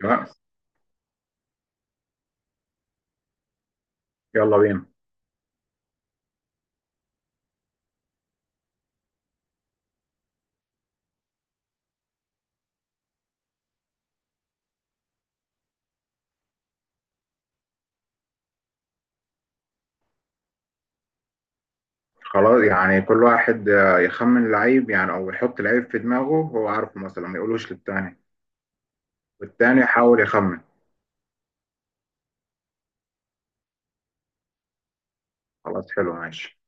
تمام. يلا بينا. خلاص، يعني كل واحد يخمن لعيب يعني، او يحط لعيب في دماغه هو عارفه مثلا ما يقولوش للتاني، والتاني يحاول يخمن. خلاص حلو ماشي.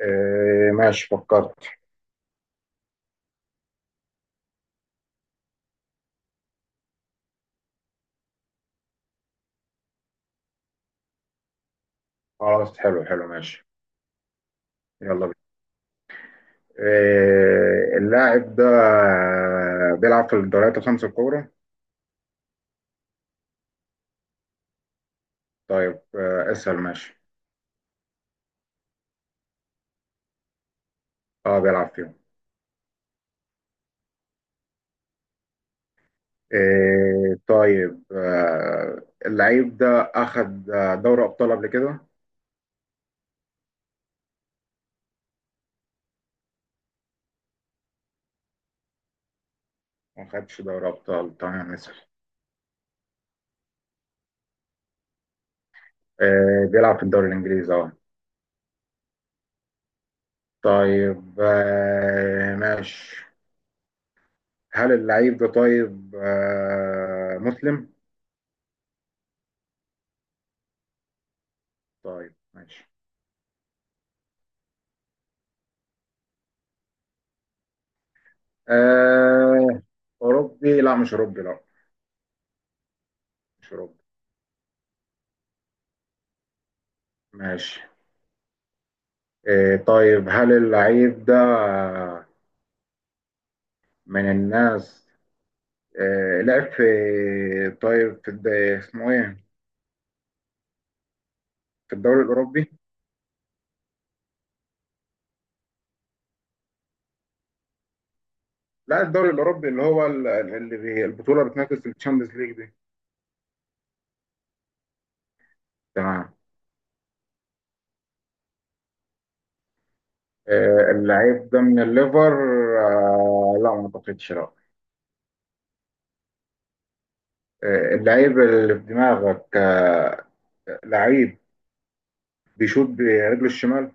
إيه ماشي فكرت. خلاص حلو حلو ماشي. يلا بينا. إيه اللاعب ده بيلعب في الدوريات الخمس الكبرى؟ طيب اسأل ماشي. اه بيلعب فيهم. إيه طيب، اللعيب ده اخد دوري ابطال قبل كده؟ ما خدش دوري ابطال، تمام اسأل. بيلعب في الدوري الإنجليزي اه. طيب ماشي. هل اللعيب ده طيب مسلم؟ طيب ماشي. آه، أوروبي؟ لا مش أوروبي لا. مش أوروبي ماشي. طيب هل اللعيب ده من الناس لعب في طيب اسمه إيه؟ في الدوري الأوروبي؟ لا، الدوري الأوروبي اللي هو ال- اللي بي- البطولة بتنافس الشامبيونز ليج دي. تمام. اللعيب ده من الليفر لا ما اعتقدش لا. اللعيب اللي في دماغك لعيب بيشوط برجله الشمال.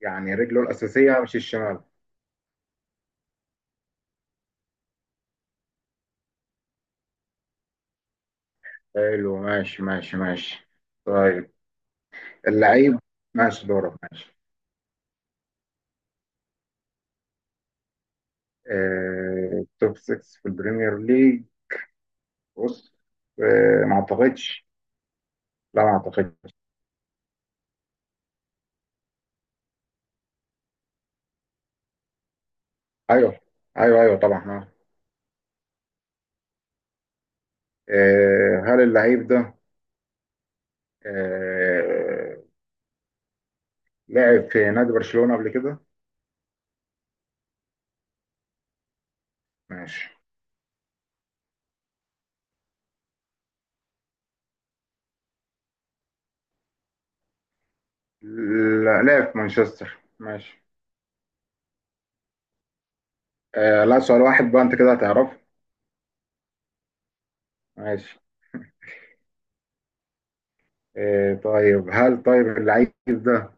يعني رجله الأساسية مش الشمال. حلو ماشي ماشي ماشي. طيب اللعيب. ماشي دورك ماشي. توب 6 في البريمير ليج. بص، ما اعتقدش لا. ما اعتقدش. ايوه ايوه ايوه طبعا هل اللعيب ده آه، لعب في نادي برشلونة قبل كده؟ ماشي. لا لعب في مانشستر ماشي. آه لا، سؤال واحد بقى انت كده هتعرفه. ماشي. آه طيب هل طيب اللعيب ده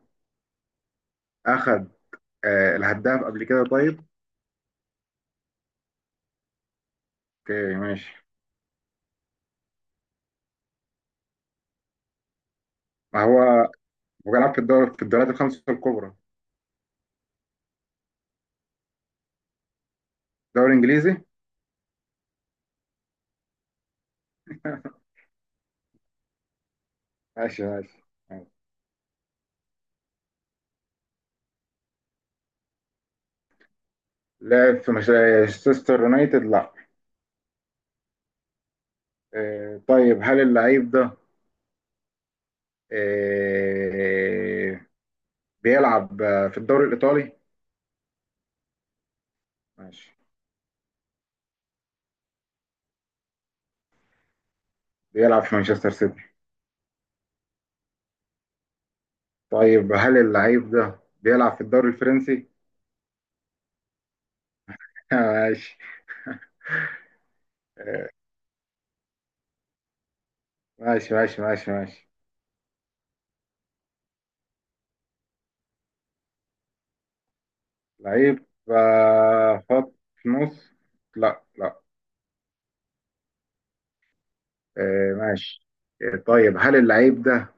اخد الهداف قبل كده طيب؟ اوكي ماشي. ما هو هو لعب في الدوريات الخمسة الكبرى. دوري انجليزي. ماشي ماشي ماشي. لعب في مانشستر يونايتد لا. آه طيب هل اللعيب ده آه بيلعب في الدوري الايطالي؟ ماشي. بيلعب في مانشستر سيتي. طيب هل اللعيب ده بيلعب في الدوري الفرنسي؟ ماشي ماشي ماشي ماشي ماشي. لعيب خط نص؟ لا لا. ماشي. طيب هل اللعيب ده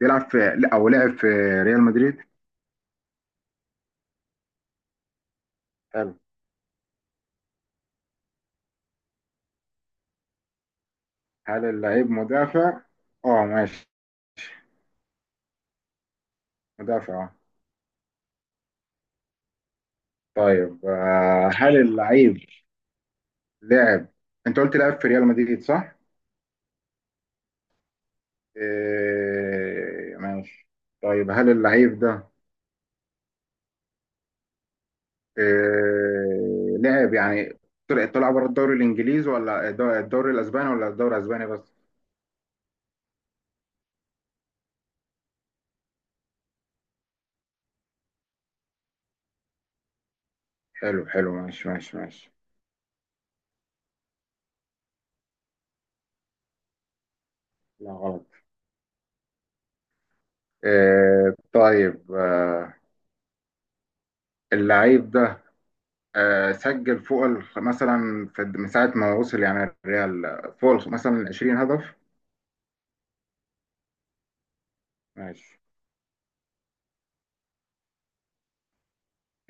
بيلعب في لا، او لعب في ريال مدريد؟ حلو. هل اللعيب مدافع؟ اه ماشي. مدافع اه. طيب هل اللعيب لعب، انت قلت لعب في ريال مدريد صح؟ ماشي. طيب هل اللعيب ده لعب يعني طلع بره الدوري الانجليزي ولا الدوري الاسباني، ولا الدوري الاسباني بس؟ حلو حلو ماشي ماشي ماشي. لا غلط. طيب اللعيب ده سجل فوق مثلا في من ساعة ما وصل يعني الريال فوق مثلا 20 هدف؟ ماشي.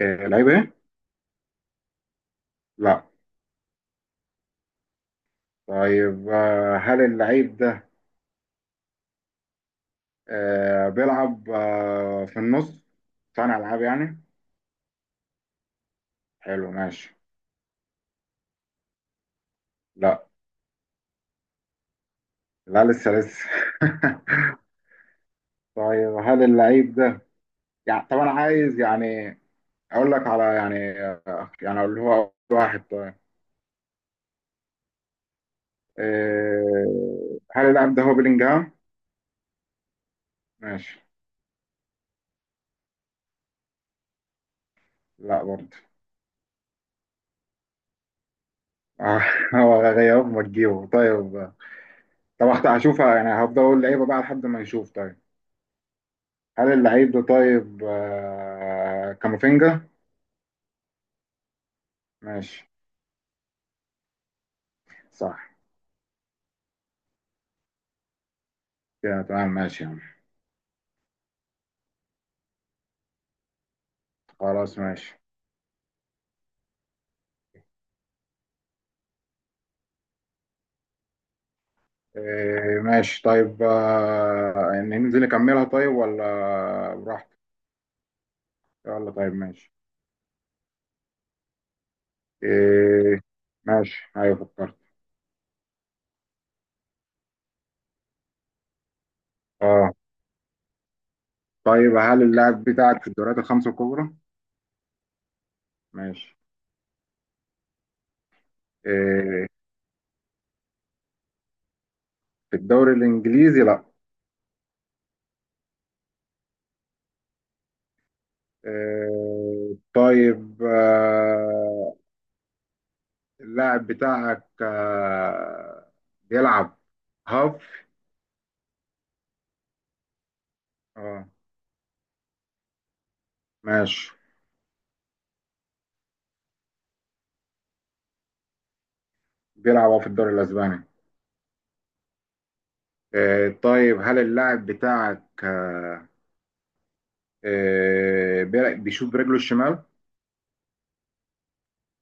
لعيب ايه؟ لا. طيب هل اللعيب ده بيلعب في النص، صانع العاب يعني؟ حلو ماشي. لا. لا لسه لسه. طيب هل اللعيب ده، يعني طب انا عايز يعني اقول لك على يعني، يعني اقول هو أول واحد طيب. إيه... هل اللاعب ده هو بيلينجهام؟ ماشي. لا برضه. آه، هو غيره ما تجيبه طيب. طب هشوفها يعني، هفضل اقول لعيبه بقى لحد ما نشوف طيب. هل اللعيب ده طيب آه... كامافينجا؟ ماشي. صح. كده تمام ماشي يا عم. خلاص ماشي. إيه ماشي طيب، يعني ننزل نكملها طيب ولا براحتك؟ يلا طيب ماشي. إيه ماشي ايوه فكرت. اه طيب هل اللاعب بتاعك في الدوريات الخمسة الكبرى؟ ماشي. إيه في الدوري الإنجليزي لا. إيه طيب اللاعب بتاعك بيلعب هاف. اه ماشي. بيلعب هاف في الدوري الإسباني. إيه طيب هل اللاعب بتاعك بيشوف برجله الشمال؟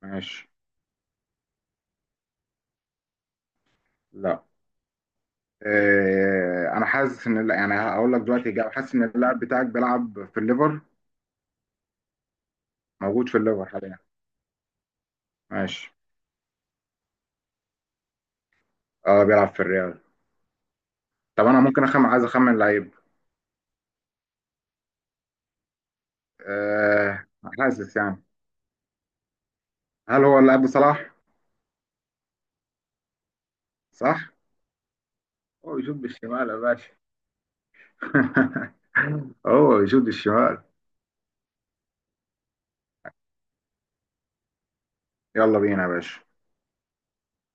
ماشي. لا. انا حاسس ان لا، يعني هقول لك دلوقتي إجابة. حاسس ان اللاعب بتاعك بيلعب في الليفر، موجود في الليفر حاليا. ماشي. اه بيلعب في الريال. طب انا ممكن اخمن، عايز اخمن لعيب. أه حاسس يعني. هل هو اللاعب صلاح؟ صح. هو بيشوط بالشمال يا باشا. هو بيشوط الشمال. يلا بينا يا باشا.